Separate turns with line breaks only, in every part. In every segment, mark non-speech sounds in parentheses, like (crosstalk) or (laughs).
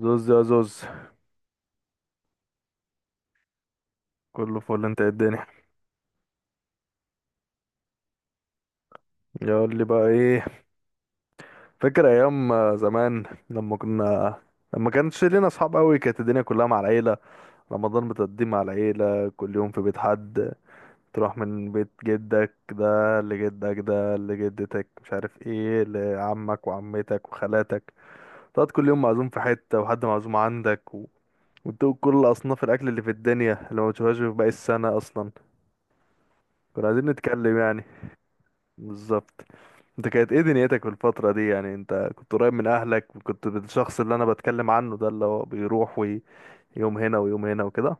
زوز يا زوز، كله فل. انت ايه الدنيا؟ يقول لي بقى ايه. فاكر ايام زمان لما كانش لينا اصحاب قوي، كانت الدنيا كلها مع العيله. رمضان بتقضيه مع العيله، كل يوم في بيت حد. تروح من بيت جدك ده لجدك ده لجدتك، مش عارف ايه، لعمك وعمتك وخالاتك. تقعد كل يوم معزوم في حته وحد معزوم عندك وتدوق كل اصناف الاكل اللي في الدنيا، اللي ما بتشوفهاش في باقي السنه اصلا. كنا عايزين نتكلم يعني. بالظبط. انت كانت ايه دنيتك في الفترة دي يعني؟ انت كنت قريب من اهلك، وكنت الشخص اللي انا بتكلم عنه ده اللي هو بيروح ويوم هنا ويوم هنا وكده.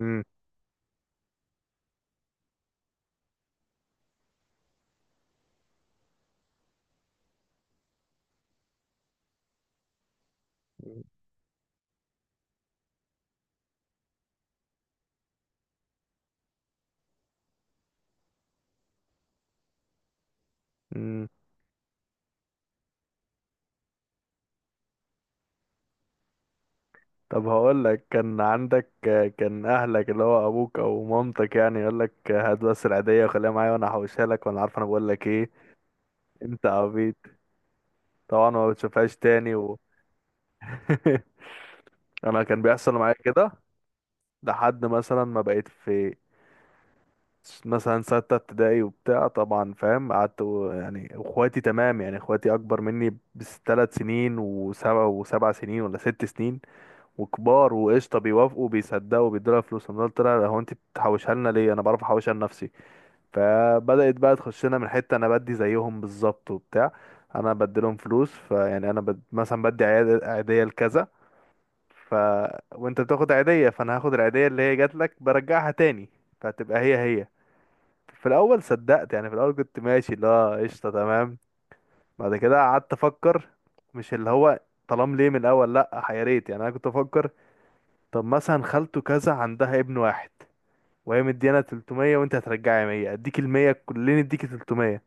امم. امم. طب هقول لك، كان عندك كان اهلك اللي هو ابوك او مامتك يعني يقول لك هات بس العيدية وخليها معايا وانا هحوشها لك وانا عارف انا بقول لك ايه. انت عبيط طبعا، ما بتشوفهاش تاني (laughs) انا كان بيحصل معايا كده، لحد مثلا ما بقيت في مثلا ستة ابتدائي وبتاع. طبعا فاهم. قعدت يعني اخواتي تمام، يعني اخواتي اكبر مني بثلاث سنين، وسبع سنين ولا ست سنين، وكبار وقشطه، بيوافقوا بيصدقوا بيدولها فلوس. انا قلت لها هو انت بتحوشها لنا ليه، انا بعرف احوشها لنفسي. فبدات بقى تخش لنا من حته، انا بدي زيهم بالظبط وبتاع، انا بدي لهم فلوس. فيعني انا مثلا بدي عيديه لكذا. ف وانت بتاخد عيديه، فانا هاخد العيديه اللي هي جات لك برجعها تاني، فتبقى هي هي. في الاول صدقت يعني، في الاول كنت ماشي اللي هو قشطه تمام. بعد كده قعدت افكر، مش اللي هو طالما ليه من الاول؟ لا يا ريت يعني، انا كنت افكر. طب مثلا خالته كذا عندها ابن واحد وهي مديانا 300، وانت هترجعي 100، اديك ال 100. كلنا اديك 300.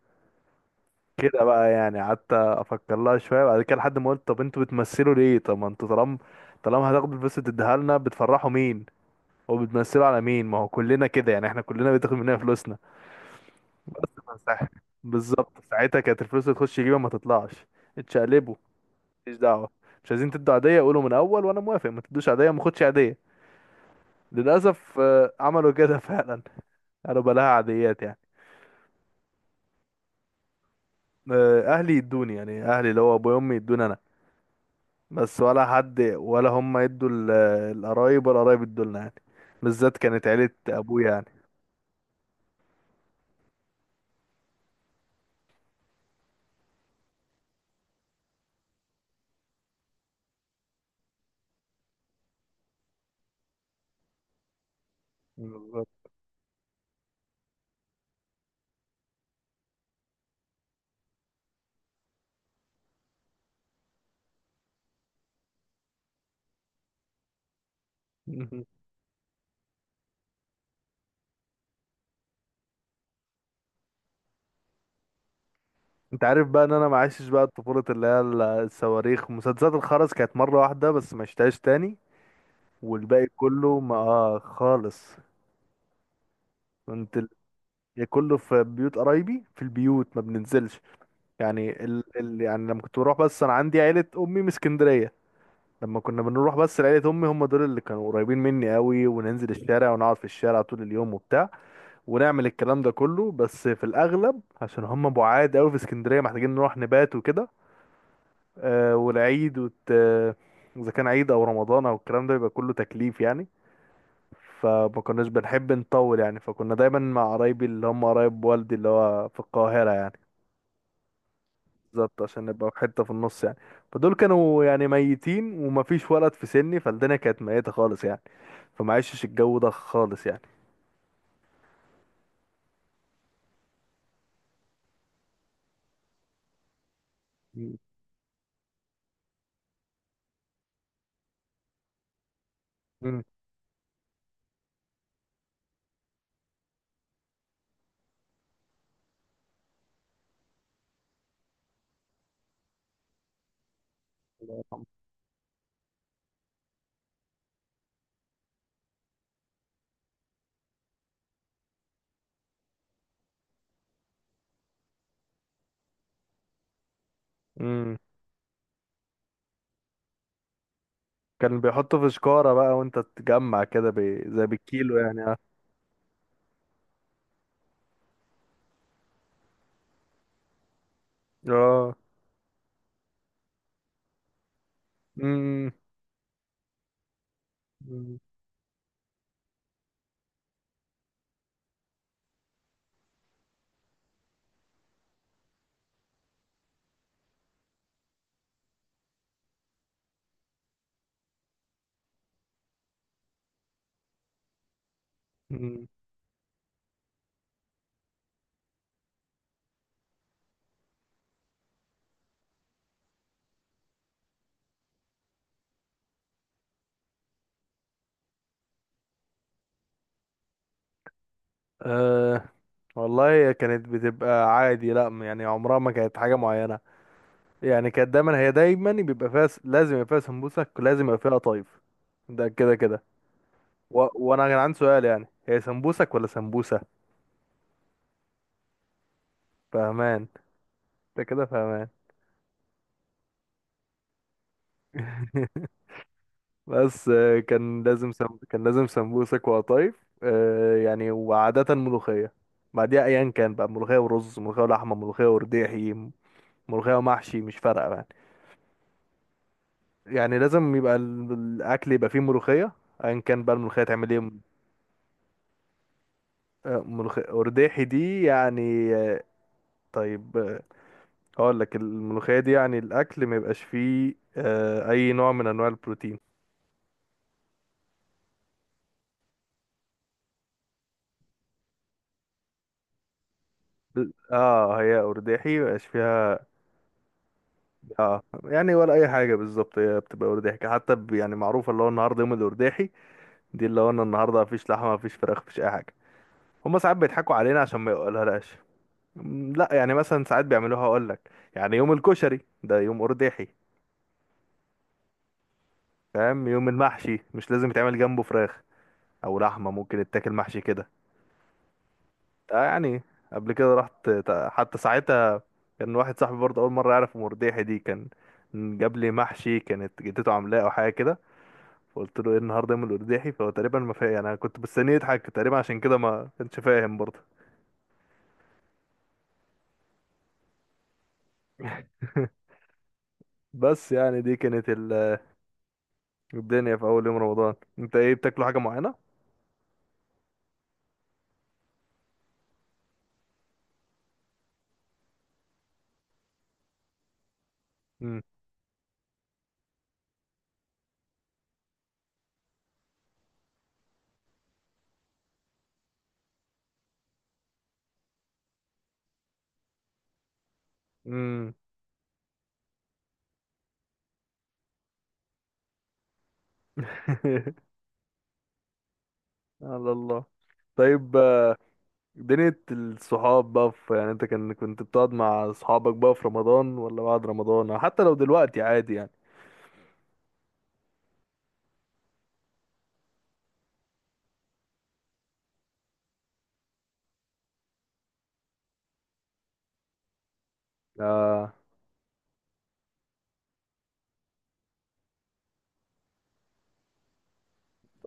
كده بقى يعني. قعدت افكر لها شويه بعد كده، لحد ما قلت طب انتوا بتمثلوا ليه؟ طب ما انتوا طالما، طالما هتاخدوا الفلوس تديها لنا، بتفرحوا مين وبتمثلوا على مين؟ ما هو كلنا كده يعني، احنا كلنا بتاخد مننا فلوسنا. بس مساحة. بالظبط، ساعتها كانت الفلوس اللي تخش جيبه ما تطلعش، اتشقلبوا. مفيش دعوة، مش عايزين تدوا عادية قولوا من أول وأنا موافق، ما تدوش عادية ما خدش عادية. للأسف آه، عملوا كده (laughs) فعلا، قالوا بلاها عاديات يعني. آه، أهلي يدوني، يعني أهلي اللي هو أبويا وأمي يدوني أنا، بس ولا حد، ولا هم يدوا القرايب، ولا قرايب يدوا لنا يعني، بالذات كانت عيلة أبويا يعني. بالظبط. (laughs) انت عارف بقى ان انا ما عشتش بقى الطفوله اللي هي الصواريخ مسدسات الخرز، كانت مره واحده بس ما عشتهاش تاني، والباقي كله ما آه خالص. كنت ال... يا كله في بيوت قرايبي، في البيوت ما بننزلش يعني. يعني لما كنت بروح، بس انا عندي عيلة امي من اسكندرية. لما كنا بنروح بس لعيلة امي، هم دول اللي كانوا قريبين مني قوي، وننزل الشارع ونقعد في الشارع طول اليوم وبتاع، ونعمل الكلام ده كله، بس في الاغلب عشان هم بعاد قوي في اسكندرية محتاجين نروح نبات وكده. آه، والعيد وت... آه، اذا كان عيد او رمضان او الكلام ده بيبقى كله تكليف يعني. فما كناش بنحب نطول يعني، فكنا دايما مع قرايبي اللي هم قرايب والدي اللي هو في القاهرة يعني. بالظبط، عشان نبقى في حتة في النص يعني. فدول كانوا يعني ميتين ومفيش ولد في سني، فالدنيا كانت ميتة خالص يعني. فما عشتش الجو ده خالص يعني. مم. مم. كان بيحطوا في شكارة بقى وانت تجمع كده زي بالكيلو يعني، اه. اه. مم. مم. مم. آه. والله هي كانت بتبقى عادي، لا يعني عمرها ما كانت حاجة معينة يعني. كانت دايما، هي دايما بيبقى فيها لازم يبقى فيها سمبوسك، ولازم يبقى فيها قطايف. ده كده كده. وانا كان عندي سؤال يعني، هي سمبوسك ولا سمبوسة؟ فهمان. ده كده فهمان. (laughs) بس آه، كان لازم سمبوسك وقطايف آه، يعني، وعادة ملوخية. بعديها ايا كان بقى، ملوخية ورز، ملوخية ولحمة، ملوخية ورديحي، ملوخية ومحشي، مش فارقة يعني. يعني لازم يبقى الاكل يبقى فيه ملوخية، ايا كان بقى الملوخية تعمل ايه. آه، ملوخية ورديحي دي يعني. طيب آه، اقول لك الملوخية دي يعني الاكل ما يبقاش فيه آه، اي نوع من انواع البروتين. اه، هي ارداحي ما يبقاش فيها. اه يعني ولا اي حاجة بالظبط، هي بتبقى ارداحي، حتى يعني معروفة اللي هو النهاردة يوم الارداحي، دي اللي هو أنا النهاردة مفيش لحمة مفيش فراخ مفيش اي حاجة. هما ساعات بيضحكوا علينا عشان ما يقولهاش. لا يعني مثلا ساعات بيعملوها، اقول لك يعني يوم الكشري ده يوم ارداحي. فاهم، يوم المحشي مش لازم يتعمل جنبه فراخ او لحمة، ممكن يتاكل محشي كده. آه يعني. قبل كده رحت، حتى ساعتها كان واحد صاحبي برضه اول مره يعرف المرجيحي دي، كان جاب لي محشي، كانت جدته عاملاه او حاجه كده، فقلت له ايه النهارده يوم الارجيحي، فهو تقريبا ما فاهم يعني. انا كنت مستنيه يضحك تقريبا، عشان كده ما كانش فاهم برضه. بس يعني دي كانت الدنيا في اول يوم رمضان. انت ايه بتاكلوا حاجه معينه؟ امم. امم. (laughs) على الله. طيب آه، دنيا الصحاب بقى، في يعني انت كان كنت بتقعد مع اصحابك بقى في رمضان ولا بعد رمضان، أو حتى لو دلوقتي عادي يعني. اه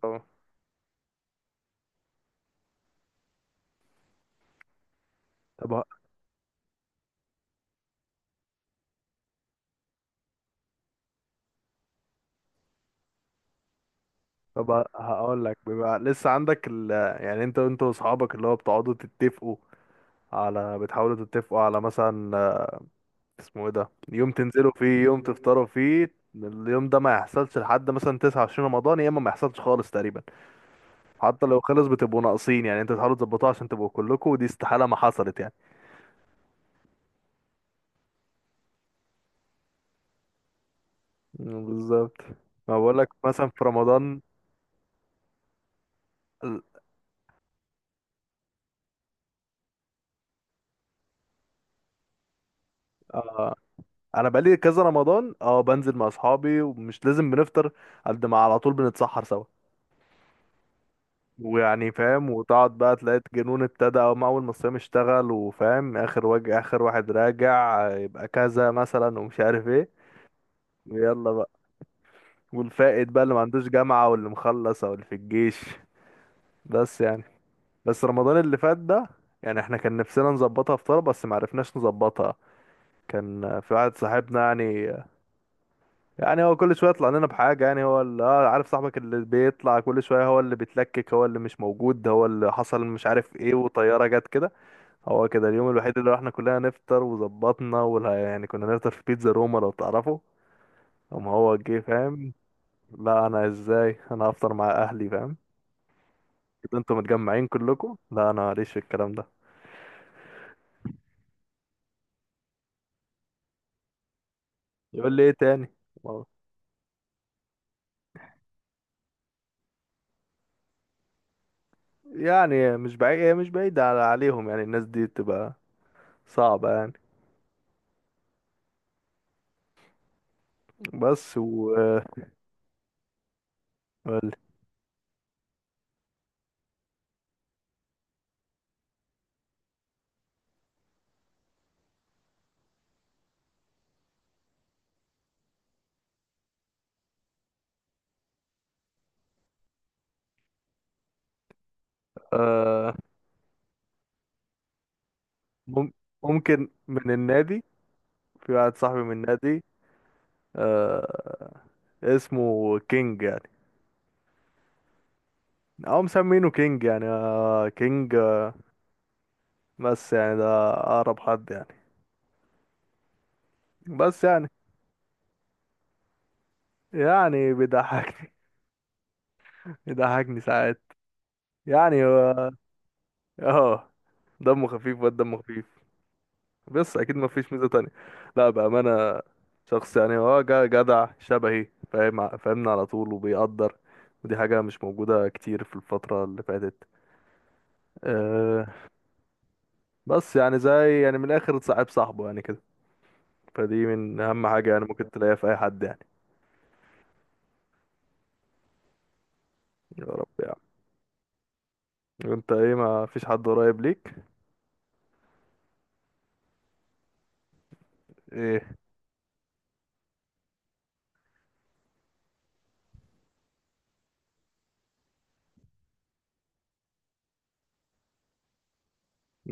طبعا. طب ه- طب هقول لك بيبقى لسه عندك يعني انت، انت واصحابك اللي هو بتقعدوا تتفقوا على، بتحاولوا تتفقوا على مثلا آه، اسمه ايه ده، يوم تنزلوا فيه يوم تفطروا فيه، اليوم ده ما يحصلش لحد مثلا 29 رمضان، يا اما ما يحصلش خالص تقريبا. حتى لو خلص بتبقوا ناقصين يعني، انتوا تحاولوا تظبطوها عشان تبقوا كلكم، ودي استحالة ما حصلت يعني. مم، بالظبط. ما بقول لك مثلا في رمضان آه، انا بقالي كذا رمضان اه بنزل مع اصحابي ومش لازم بنفطر، قد ما على طول بنتسحر سوا. ويعني فاهم، وتقعد بقى تلاقي الجنون ابتدى، أو اول ما الصيام اشتغل وفاهم، اخر اخر واحد راجع آه، يبقى كذا مثلا ومش عارف ايه. ويلا بقى. والفائت بقى اللي ما عندوش جامعة واللي مخلص او اللي في الجيش. بس يعني. بس رمضان اللي فات ده يعني، احنا كان نفسنا نظبطها فطار بس ما عرفناش نظبطها. كان في واحد صاحبنا يعني، يعني هو كل شويه يطلع لنا بحاجه، يعني هو اللي اه عارف صاحبك اللي بيطلع كل شويه، هو اللي بيتلكك، هو اللي مش موجود، هو اللي حصل مش عارف ايه، وطياره جت كده. هو كده اليوم الوحيد اللي احنا كلنا نفطر وظبطنا، ولا يعني، كنا نفطر في بيتزا روما لو تعرفه. اما هو جه فاهم، لا انا ازاي، انا هفطر مع اهلي فاهم. كده انتوا متجمعين كلكم، لا انا ماليش في الكلام ده. يقول لي ايه تاني. والله. يعني مش بعيد، هي مش بعيدة عليهم يعني، الناس دي بتبقى صعبة يعني. بس و. قول. مم- ممكن من النادي. في واحد صاحبي من النادي. آه. اسمه كينج يعني، او مسمينه كينج يعني آه كينج آه، بس يعني ده اقرب حد يعني. بس يعني. يعني بيضحكني. (laughs) بيضحكني ساعات يعني اه، دمه خفيف، واد دمه خفيف، بس اكيد ما فيش ميزة تانية. لا بأمانة، شخص يعني هو جدع شبهي فاهم، فاهمنا على طول وبيقدر، ودي حاجة مش موجودة كتير في الفترة اللي فاتت آه، بس يعني زي يعني من الاخر صاحب صاحبه يعني كده، فدي من اهم حاجة يعني ممكن تلاقيها في اي حد يعني. يا رب يعني. انت ايه ما فيش حد قريب ليك؟ ايه.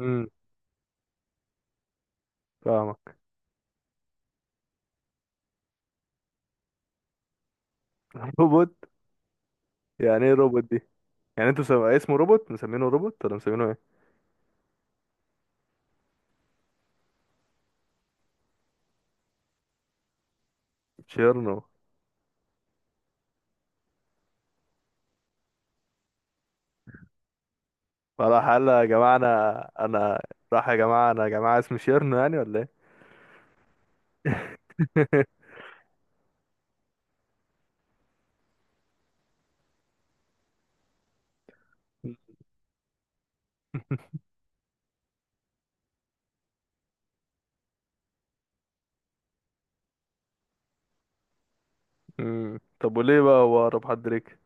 امم. فاهمك. (laughs) روبوت. يعني ايه روبوت دي؟ يعني انتوا اسمه روبوت، مسمينه روبوت ولا مسمينه ايه؟ شيرنو. فراح قال يا جماعة انا راح يا جماعة انا، يا جماعة اسمي شيرنو يعني ولا ايه؟ (laughs) امم. طب وليه بقى هو اقرب حد ليك؟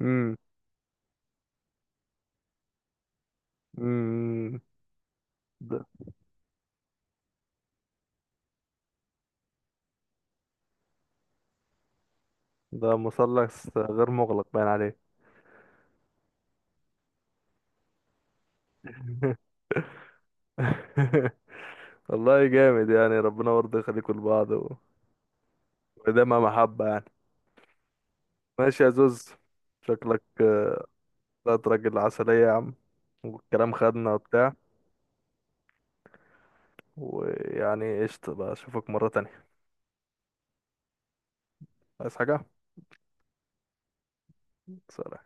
امم. امم. ده ده مثلث غير مغلق باين عليه. (laughs) والله جامد يعني، ربنا برضه يخليكوا لبعض ودايما محبة يعني. ماشي يا زوز. شكلك آه، طلعت راجل عسلية يا عم، والكلام خدنا وبتاع. ويعني قشطة بقى اشوفك مرة تانية. عايز حاجة؟ سلام.